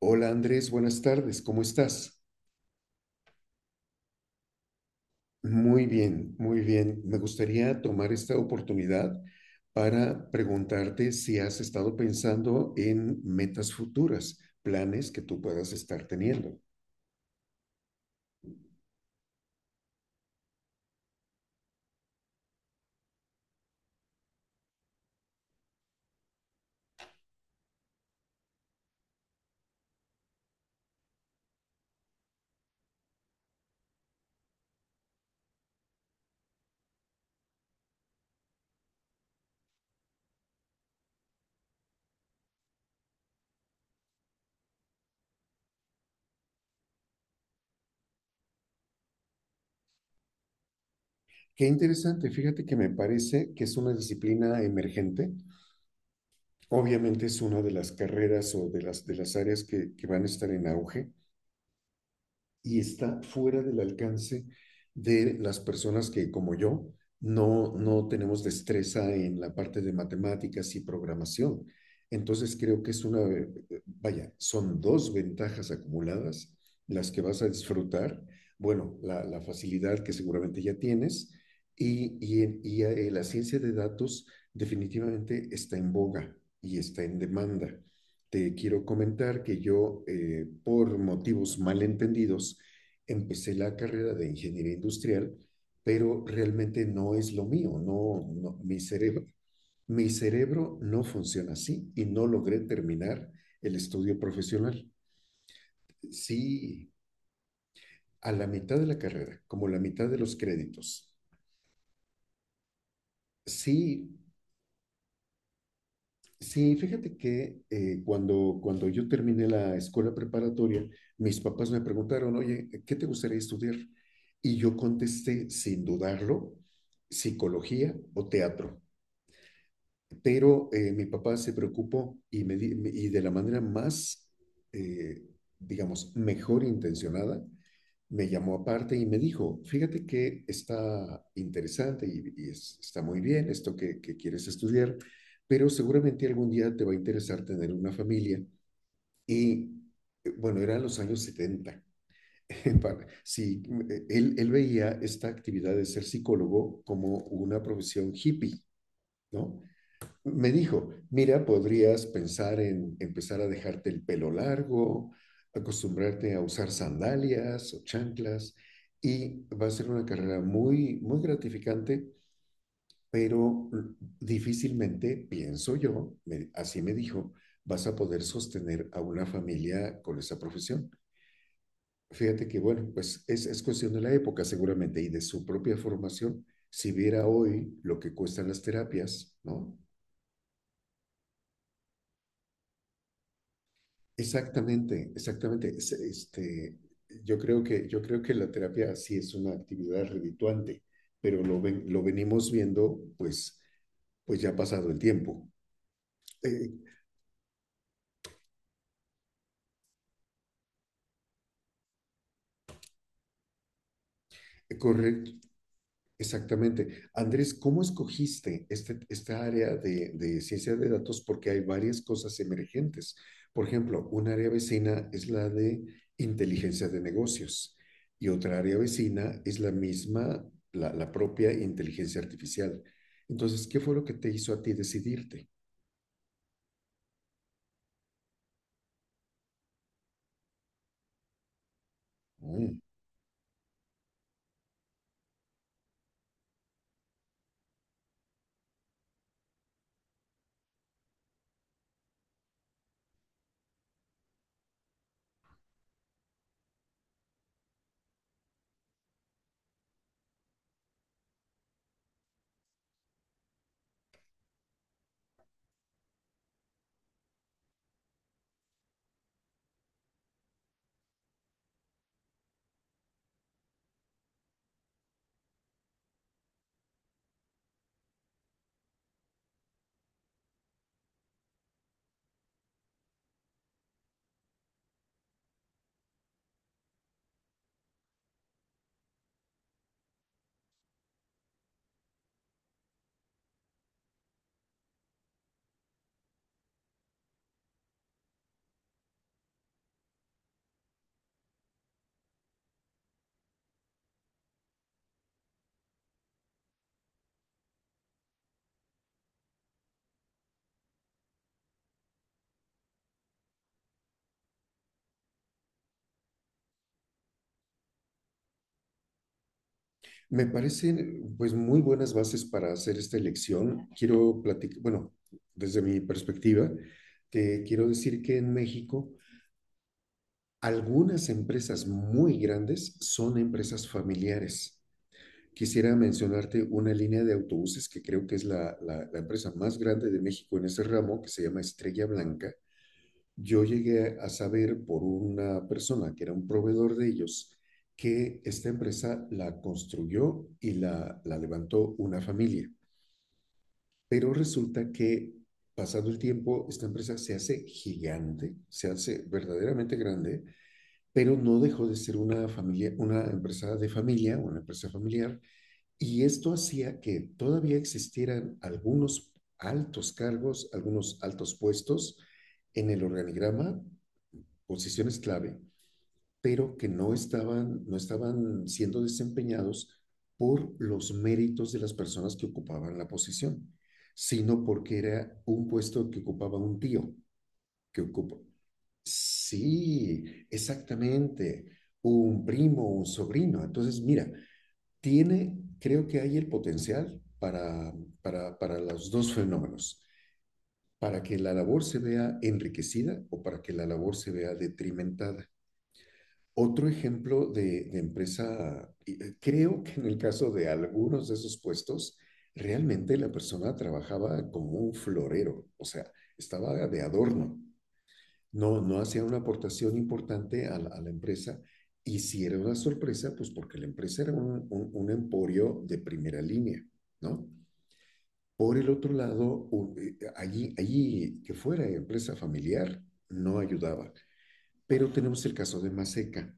Hola Andrés, buenas tardes, ¿cómo estás? Muy bien, muy bien. Me gustaría tomar esta oportunidad para preguntarte si has estado pensando en metas futuras, planes que tú puedas estar teniendo. Qué interesante, fíjate que me parece que es una disciplina emergente. Obviamente es una de las carreras o de las áreas que van a estar en auge, y está fuera del alcance de las personas que, como yo, no, no tenemos destreza en la parte de matemáticas y programación. Entonces creo que es una, vaya, son dos ventajas acumuladas las que vas a disfrutar. Bueno, la facilidad que seguramente ya tienes y, y la ciencia de datos definitivamente está en boga y está en demanda. Te quiero comentar que yo, por motivos malentendidos, empecé la carrera de ingeniería industrial, pero realmente no es lo mío, no, no mi cerebro. Mi cerebro no funciona así y no logré terminar el estudio profesional. Sí, a la mitad de la carrera, como la mitad de los créditos, sí. Sí, fíjate que cuando yo terminé la escuela preparatoria, mis papás me preguntaron, oye, ¿qué te gustaría estudiar? Y yo contesté, sin dudarlo, psicología o teatro. Pero mi papá se preocupó y, y de la manera más, eh, digamos, mejor intencionada, me llamó aparte y me dijo, fíjate que está interesante y, está muy bien esto que quieres estudiar, pero seguramente algún día te va a interesar tener una familia. Y bueno, eran los años setenta. Sí, él veía esta actividad de ser psicólogo como una profesión hippie, ¿no? Me dijo, mira, podrías pensar en empezar a dejarte el pelo largo, acostumbrarte a usar sandalias o chanclas y va a ser una carrera muy, muy gratificante, pero difícilmente, pienso yo, así me dijo, vas a poder sostener a una familia con esa profesión. Fíjate que, bueno, pues es cuestión de la época seguramente y de su propia formación. Si viera hoy lo que cuestan las terapias, ¿no? Exactamente, exactamente. Este, yo creo que la terapia sí es una actividad redituante, pero lo venimos viendo pues, pues ya ha pasado el tiempo. Eh, correcto. Exactamente. Andrés, ¿cómo escogiste este, esta área de ciencia de datos? Porque hay varias cosas emergentes. Por ejemplo, un área vecina es la de inteligencia de negocios y otra área vecina es la misma, la propia inteligencia artificial. Entonces, ¿qué fue lo que te hizo a ti decidirte? Mm. Me parecen pues muy buenas bases para hacer esta elección. Quiero platicar, bueno, desde mi perspectiva, te quiero decir que en México algunas empresas muy grandes son empresas familiares. Quisiera mencionarte una línea de autobuses que creo que es la, la empresa más grande de México en ese ramo, que se llama Estrella Blanca. Yo llegué a saber por una persona que era un proveedor de ellos que esta empresa la construyó y la levantó una familia. Pero resulta que pasado el tiempo, esta empresa se hace gigante, se hace verdaderamente grande, pero no dejó de ser una familia, una empresa de familia, una empresa familiar, y esto hacía que todavía existieran algunos altos cargos, algunos altos puestos en el organigrama, posiciones clave, pero que no estaban, no estaban siendo desempeñados por los méritos de las personas que ocupaban la posición, sino porque era un puesto que ocupaba un tío, que ocupa- sí, exactamente. Un primo, un sobrino. Entonces, mira, tiene, creo que hay el potencial para los dos fenómenos, para que la labor se vea enriquecida o para que la labor se vea detrimentada. Otro ejemplo de empresa, creo que en el caso de algunos de esos puestos, realmente la persona trabajaba como un florero, o sea, estaba de adorno, no, no hacía una aportación importante a la, empresa. Y si era una sorpresa, pues porque la empresa era un emporio de primera línea, ¿no? Por el otro lado, allí, allí que fuera empresa familiar, no ayudaba. Pero tenemos el caso de Maseca.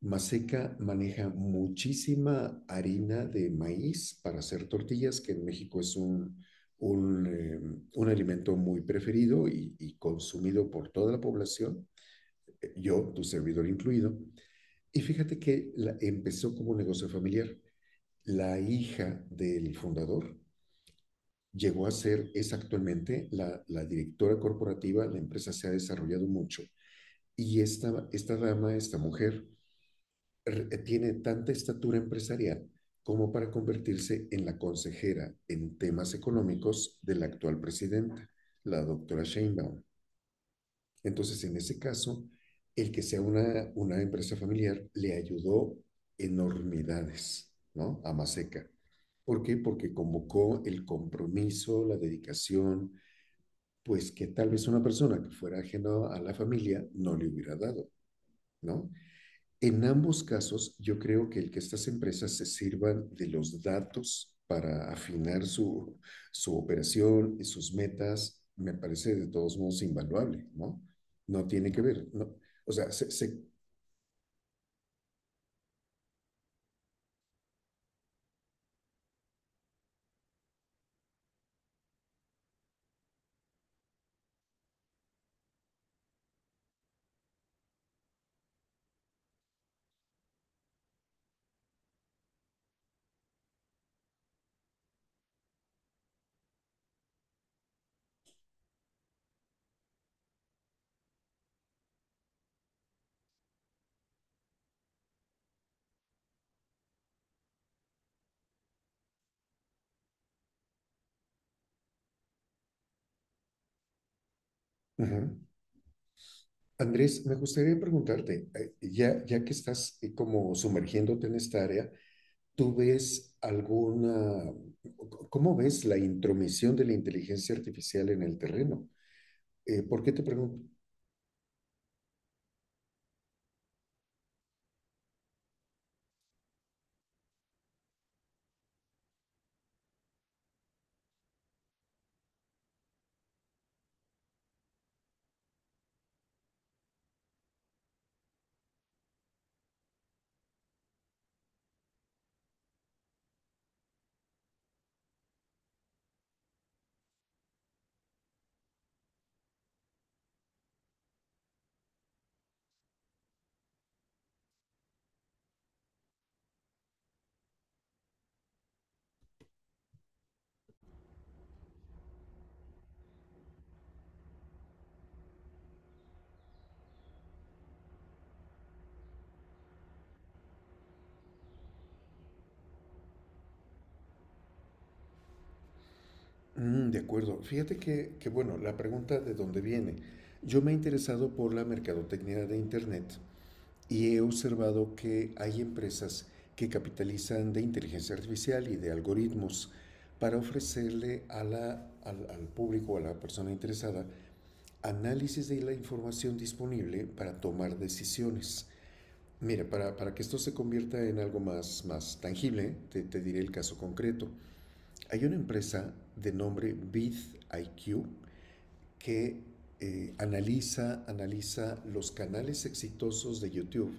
Maseca maneja muchísima harina de maíz para hacer tortillas, que en México es un, eh, un alimento muy preferido y, consumido por toda la población, yo, tu servidor incluido, y fíjate que empezó como un negocio familiar. La hija del fundador llegó a ser, es actualmente la, la directora corporativa, la empresa se ha desarrollado mucho y esta dama, esta mujer, tiene tanta estatura empresarial como para convertirse en la consejera en temas económicos de la actual presidenta, la doctora Sheinbaum. Entonces, en ese caso, el que sea una empresa familiar le ayudó enormidades, ¿no? A Maseca. ¿Por qué? Porque convocó el compromiso, la dedicación, pues que tal vez una persona que fuera ajena a la familia no le hubiera dado, ¿no? En ambos casos, yo creo que el que estas empresas se sirvan de los datos para afinar su, su operación y sus metas, me parece de todos modos invaluable, ¿no? No tiene que ver, ¿no? O sea, ujú. Andrés, me gustaría preguntarte, ya que estás como sumergiéndote en esta área, ¿tú ves alguna, cómo ves la intromisión de la inteligencia artificial en el terreno? ¿Por qué te pregunto? Mm, de acuerdo. Fíjate que, bueno, la pregunta de dónde viene. Yo me he interesado por la mercadotecnia de Internet y he observado que hay empresas que capitalizan de inteligencia artificial y de algoritmos para ofrecerle a la, al, al público, a la persona interesada, análisis de la información disponible para tomar decisiones. Mira, para que esto se convierta en algo más, más tangible, te diré el caso concreto. Hay una empresa de nombre VidIQ que analiza, analiza los canales exitosos de YouTube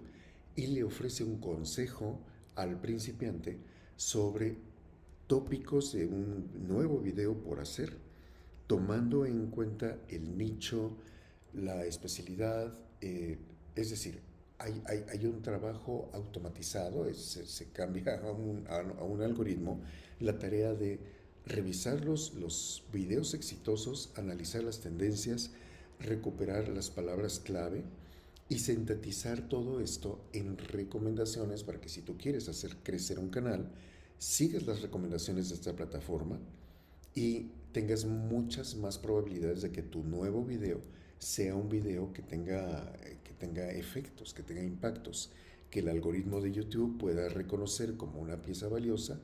y le ofrece un consejo al principiante sobre tópicos de un nuevo video por hacer tomando en cuenta el nicho, la especialidad, eh, es decir, hay, un trabajo automatizado, es, se, cambia a un, algoritmo la tarea de revisar los videos exitosos, analizar las tendencias, recuperar las palabras clave y sintetizar todo esto en recomendaciones para que si tú quieres hacer crecer un canal, sigas las recomendaciones de esta plataforma y tengas muchas más probabilidades de que tu nuevo video sea un video que tenga efectos, que tenga impactos, que el algoritmo de YouTube pueda reconocer como una pieza valiosa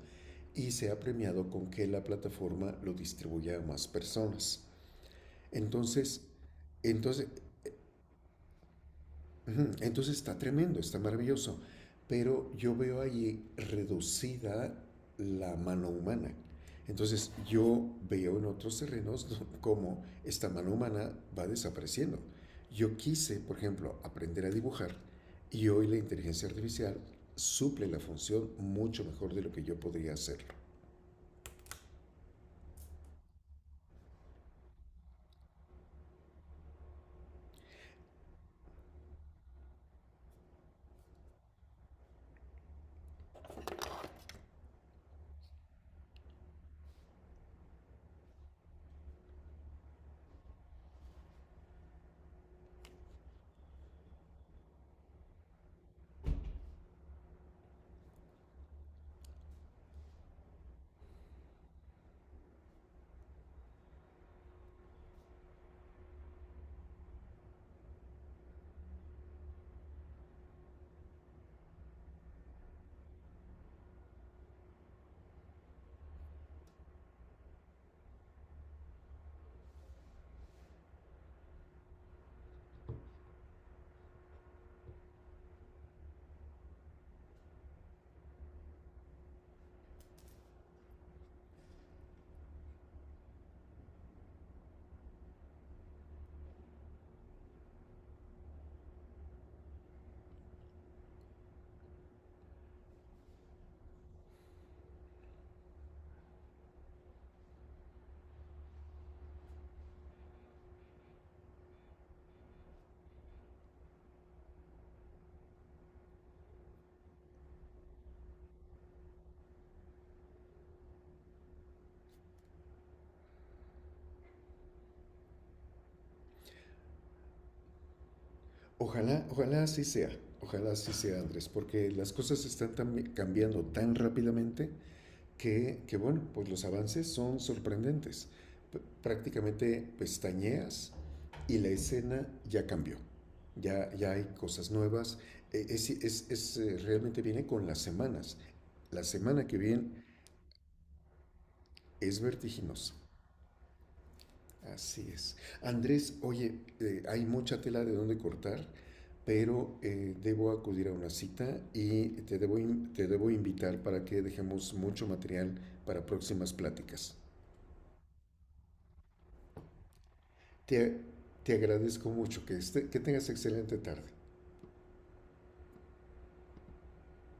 y sea premiado con que la plataforma lo distribuya a más personas. Entonces, entonces ujú, entonces está tremendo, está maravilloso, pero yo veo ahí reducida la mano humana. Entonces yo veo en otros terrenos cómo esta mano humana va desapareciendo. Yo quise, por ejemplo, aprender a dibujar y hoy la inteligencia artificial suple la función mucho mejor de lo que yo podría hacerlo. Ojalá, ojalá así sea, Andrés, porque las cosas están cambiando tan rápidamente que bueno, pues los avances son sorprendentes. Prácticamente pestañeas y la escena ya cambió. Ya, ya hay cosas nuevas. Realmente viene con las semanas. La semana que viene es vertiginosa. Así es. Andrés, oye, hay mucha tela de donde cortar, pero debo acudir a una cita y te debo invitar para que dejemos mucho material para próximas pláticas. Te, te agradezco mucho que, este, que tengas excelente tarde.